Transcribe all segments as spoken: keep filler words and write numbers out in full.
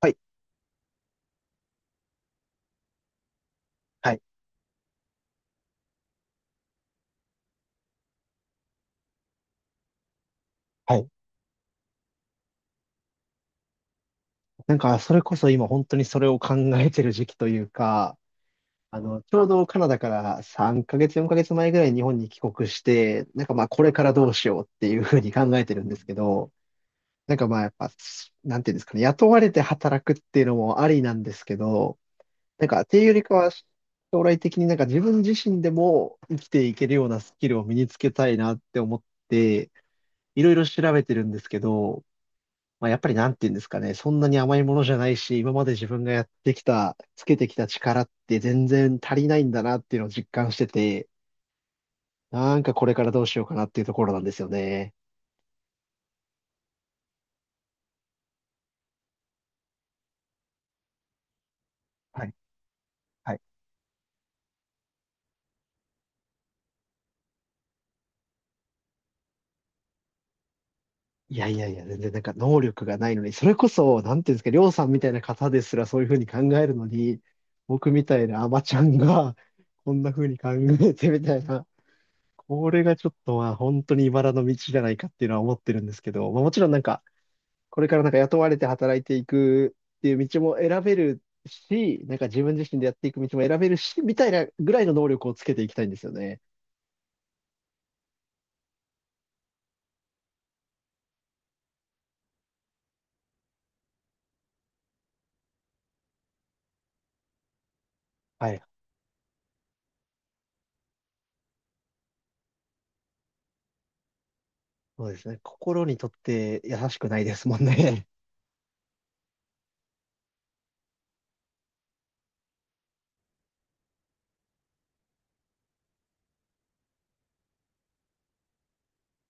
はいはいはい。なんか、それこそ今本当にそれを考えてる時期というか、あの、ちょうどカナダからさんかげつ、よんかげつまえぐらいに日本に帰国して、なんかまあこれからどうしようっていうふうに考えてるんですけど、なんかまあやっぱ、なんていうんですかね、雇われて働くっていうのもありなんですけど、なんかっていうよりかは将来的になんか自分自身でも生きていけるようなスキルを身につけたいなって思って、いろいろ調べてるんですけど、まあ、やっぱりなんて言うんですかね、そんなに甘いものじゃないし、今まで自分がやってきた、つけてきた力って全然足りないんだなっていうのを実感してて、なんかこれからどうしようかなっていうところなんですよね。はいはい。いやいやいや、全然なんか能力がないのに、それこそ、なんていうんですか、りょうさんみたいな方ですらそういうふうに考えるのに、僕みたいなアマちゃんが こんなふうに考えてみたいな、これがちょっとまあ本当に茨の道じゃないかっていうのは思ってるんですけど、まあ、もちろんなんか、これからなんか雇われて働いていくっていう道も選べるし、なんか自分自身でやっていく道も選べるし、みたいなぐらいの能力をつけていきたいんですよね。はい。そうですね。心にとって優しくないですもんね。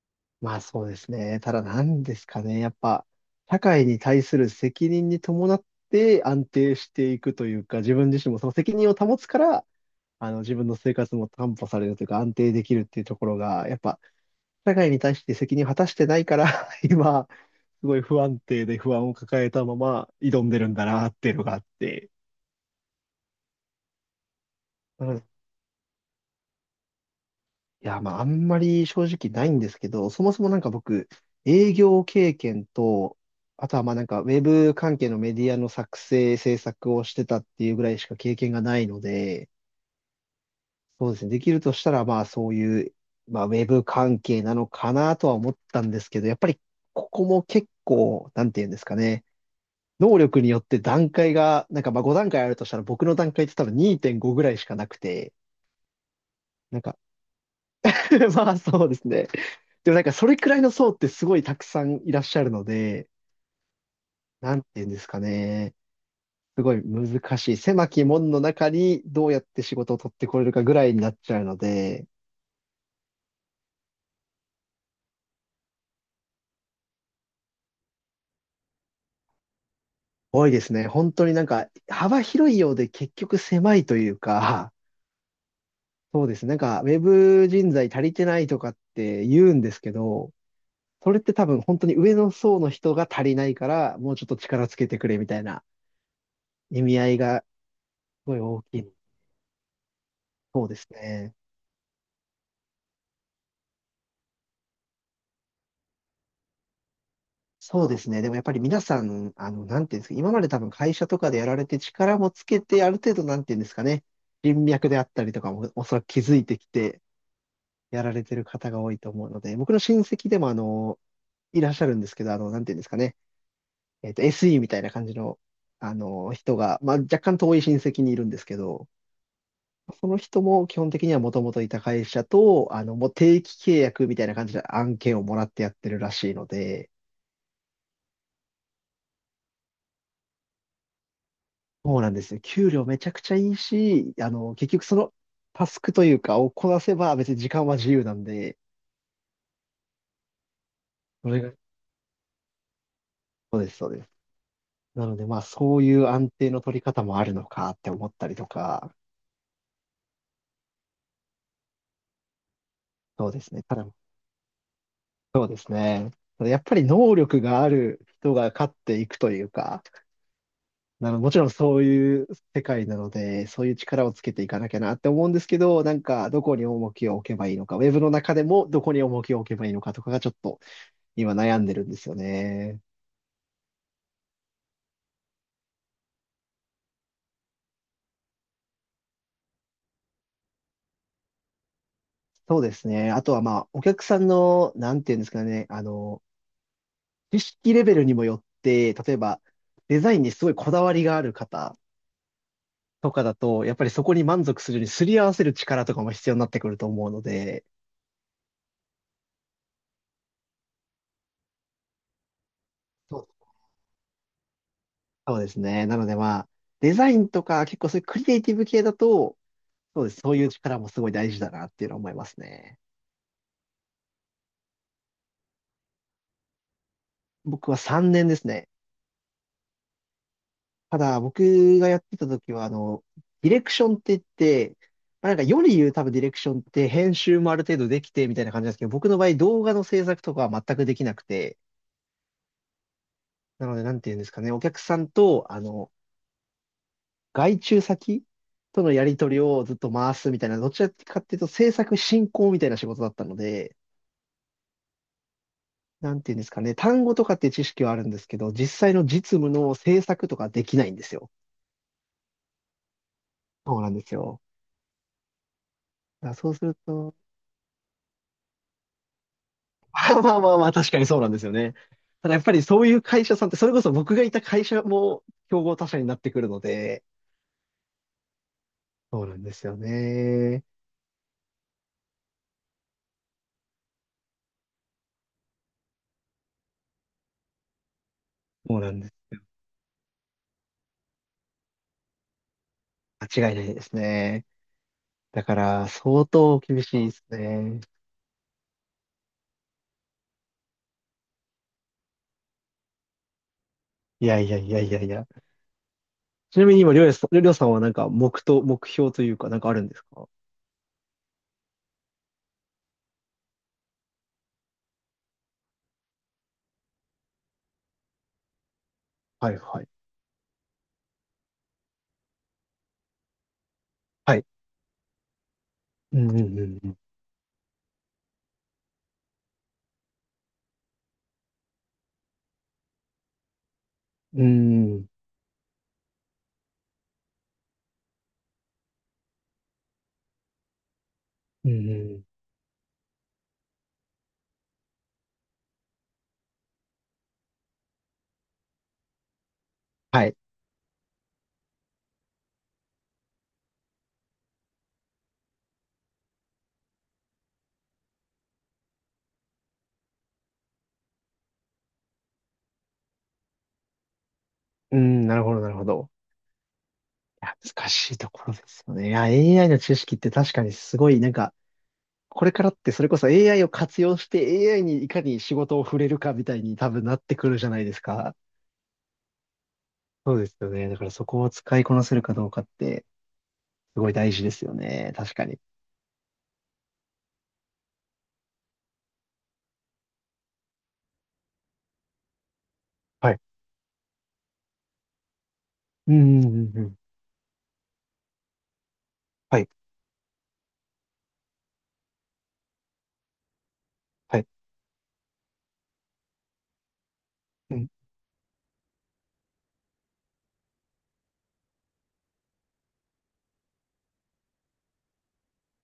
まあそうですね。ただ何ですかね。やっぱ、社会に対する責任に伴って安定していくというか、自分自身もその責任を保つから、あの自分の生活も担保されるというか安定できるっていうところが、やっぱ社会に対して責任を果たしてないから、今、すごい不安定で不安を抱えたまま挑んでるんだなっていうのがあって、うん。いや、まあ、あんまり正直ないんですけど、そもそもなんか僕、営業経験と、あとはまあなんか、ウェブ関係のメディアの作成、制作をしてたっていうぐらいしか経験がないので、そうですね、できるとしたら、まあそういう、まあウェブ関係なのかなとは思ったんですけど、やっぱりここも結構、なんていうんですかね、能力によって段階が、なんかまあご段階あるとしたら僕の段階って多分にてんごぐらいしかなくて、なんか まあそうですね。でもなんかそれくらいの層ってすごいたくさんいらっしゃるので、なんて言うんですかね。すごい難しい。狭き門の中にどうやって仕事を取ってこれるかぐらいになっちゃうので、多いですね。本当になんか幅広いようで結局狭いというか、そうですね。なんかウェブ人材足りてないとかって言うんですけど、それって多分本当に上の層の人が足りないから、もうちょっと力つけてくれみたいな意味合いがすごい大きい。そうですね。そうですね。でもやっぱり皆さん、あの、なんていうんですか、今まで多分会社とかでやられて力もつけて、ある程度なんていうんですかね、人脈であったりとかもおそらく気づいてきてやられてる方が多いと思うので、僕の親戚でもあの、いらっしゃるんですけど、あの、なんていうんですかね、えっと、エスイー みたいな感じの、あの、人が、まあ若干遠い親戚にいるんですけど、その人も基本的にはもともといた会社と、あの、もう定期契約みたいな感じで案件をもらってやってるらしいので、そうなんですよ。給料めちゃくちゃいいし、あの、結局そのタスクというかをこなせば別に時間は自由なんで、それが、そうです、そうです。なのでまあそういう安定の取り方もあるのかって思ったりとか、そうですね。ただ、そうですね。ただやっぱり能力がある人が勝っていくというか、なの、もちろんそういう世界なので、そういう力をつけていかなきゃなって思うんですけど、なんかどこに重きを置けばいいのか、ウェブの中でもどこに重きを置けばいいのかとかがちょっと今悩んでるんですよね。そうですね。あとはまあ、お客さんの、なんていうんですかね、あの、知識レベルにもよって、例えばデザインにすごいこだわりがある方とかだと、やっぱりそこに満足するようにすり合わせる力とかも必要になってくると思うので、そうそうですね。なのでまあ、デザインとか結構そういうクリエイティブ系だと、そうです。そういう力もすごい大事だなっていうのは思いますね。僕はさんねんですね。ただ、僕がやってた時は、あの、ディレクションって言って、まあ、なんか世に言う多分ディレクションって編集もある程度できてみたいな感じなんですけど、僕の場合動画の制作とかは全くできなくて、なので、なんて言うんですかね、お客さんと、あの、外注先とのやり取りをずっと回すみたいな、どちらかっていうと制作進行みたいな仕事だったので、なんていうんですかね、単語とかって知識はあるんですけど、実際の実務の制作とかできないんですよ。そうなんですよ。だからそうすると、まあまあまあまあ、確かにそうなんですよね。ただやっぱりそういう会社さんって、それこそ僕がいた会社も競合他社になってくるので、そうなんですよね。そうなんです。間違いないですね。だから、相当厳しいですね。いやいやいやいやいや。ちなみに今、りょうやさん、りょうさんはなんか目と、目標というか、なんかあるんですか？はいはい。はい。うんうんうん。うん、うん、はい。うん、なるほど、なるほど。いや、難しいところですよね。いや、エーアイ の知識って確かにすごい、なんか、これからってそれこそ エーアイ を活用して エーアイ にいかに仕事を触れるかみたいに多分なってくるじゃないですか。そうですよね。だからそこを使いこなせるかどうかって、すごい大事ですよね。確かに。はい。うん、うん、うんうん。はい、はい。うん。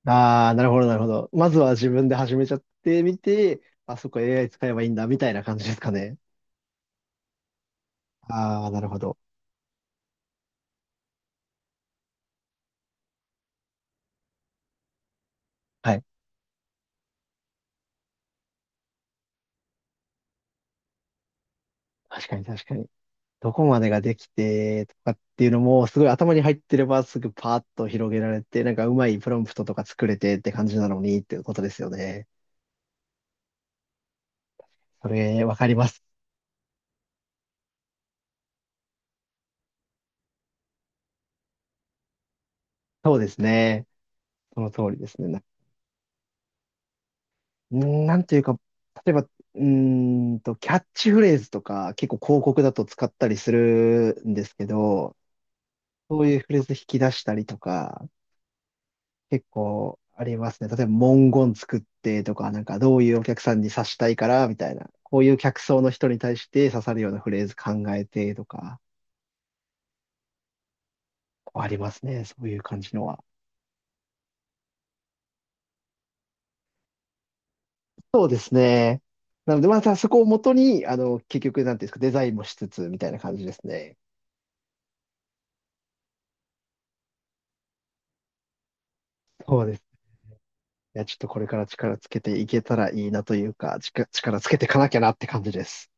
ああ、なるほど、なるほど。まずは自分で始めちゃってみて、あ、そこ エーアイ 使えばいいんだ、みたいな感じですかね。ああ、なるほど。はい。確かに確かに。どこまでができてとかっていうのも、すごい頭に入ってればすぐパーッと広げられて、なんかうまいプロンプトとか作れてって感じなのにっていうことですよね。それ、わかります。そうですね。その通りですね。な、んなんていうか、例えば、うーんと、キャッチフレーズとか、結構広告だと使ったりするんですけど、そういうフレーズ引き出したりとか、結構ありますね。例えば文言作ってとか、なんかどういうお客さんに刺したいからみたいな、こういう客層の人に対して刺さるようなフレーズ考えてとか、ありますね。そういう感じのは。そうですね。なので、またそこを元に、あの、結局、なんていうんですか、デザインもしつつみたいな感じですね。そうです。いや、ちょっとこれから力つけていけたらいいなというか、ちか力つけていかなきゃなって感じです。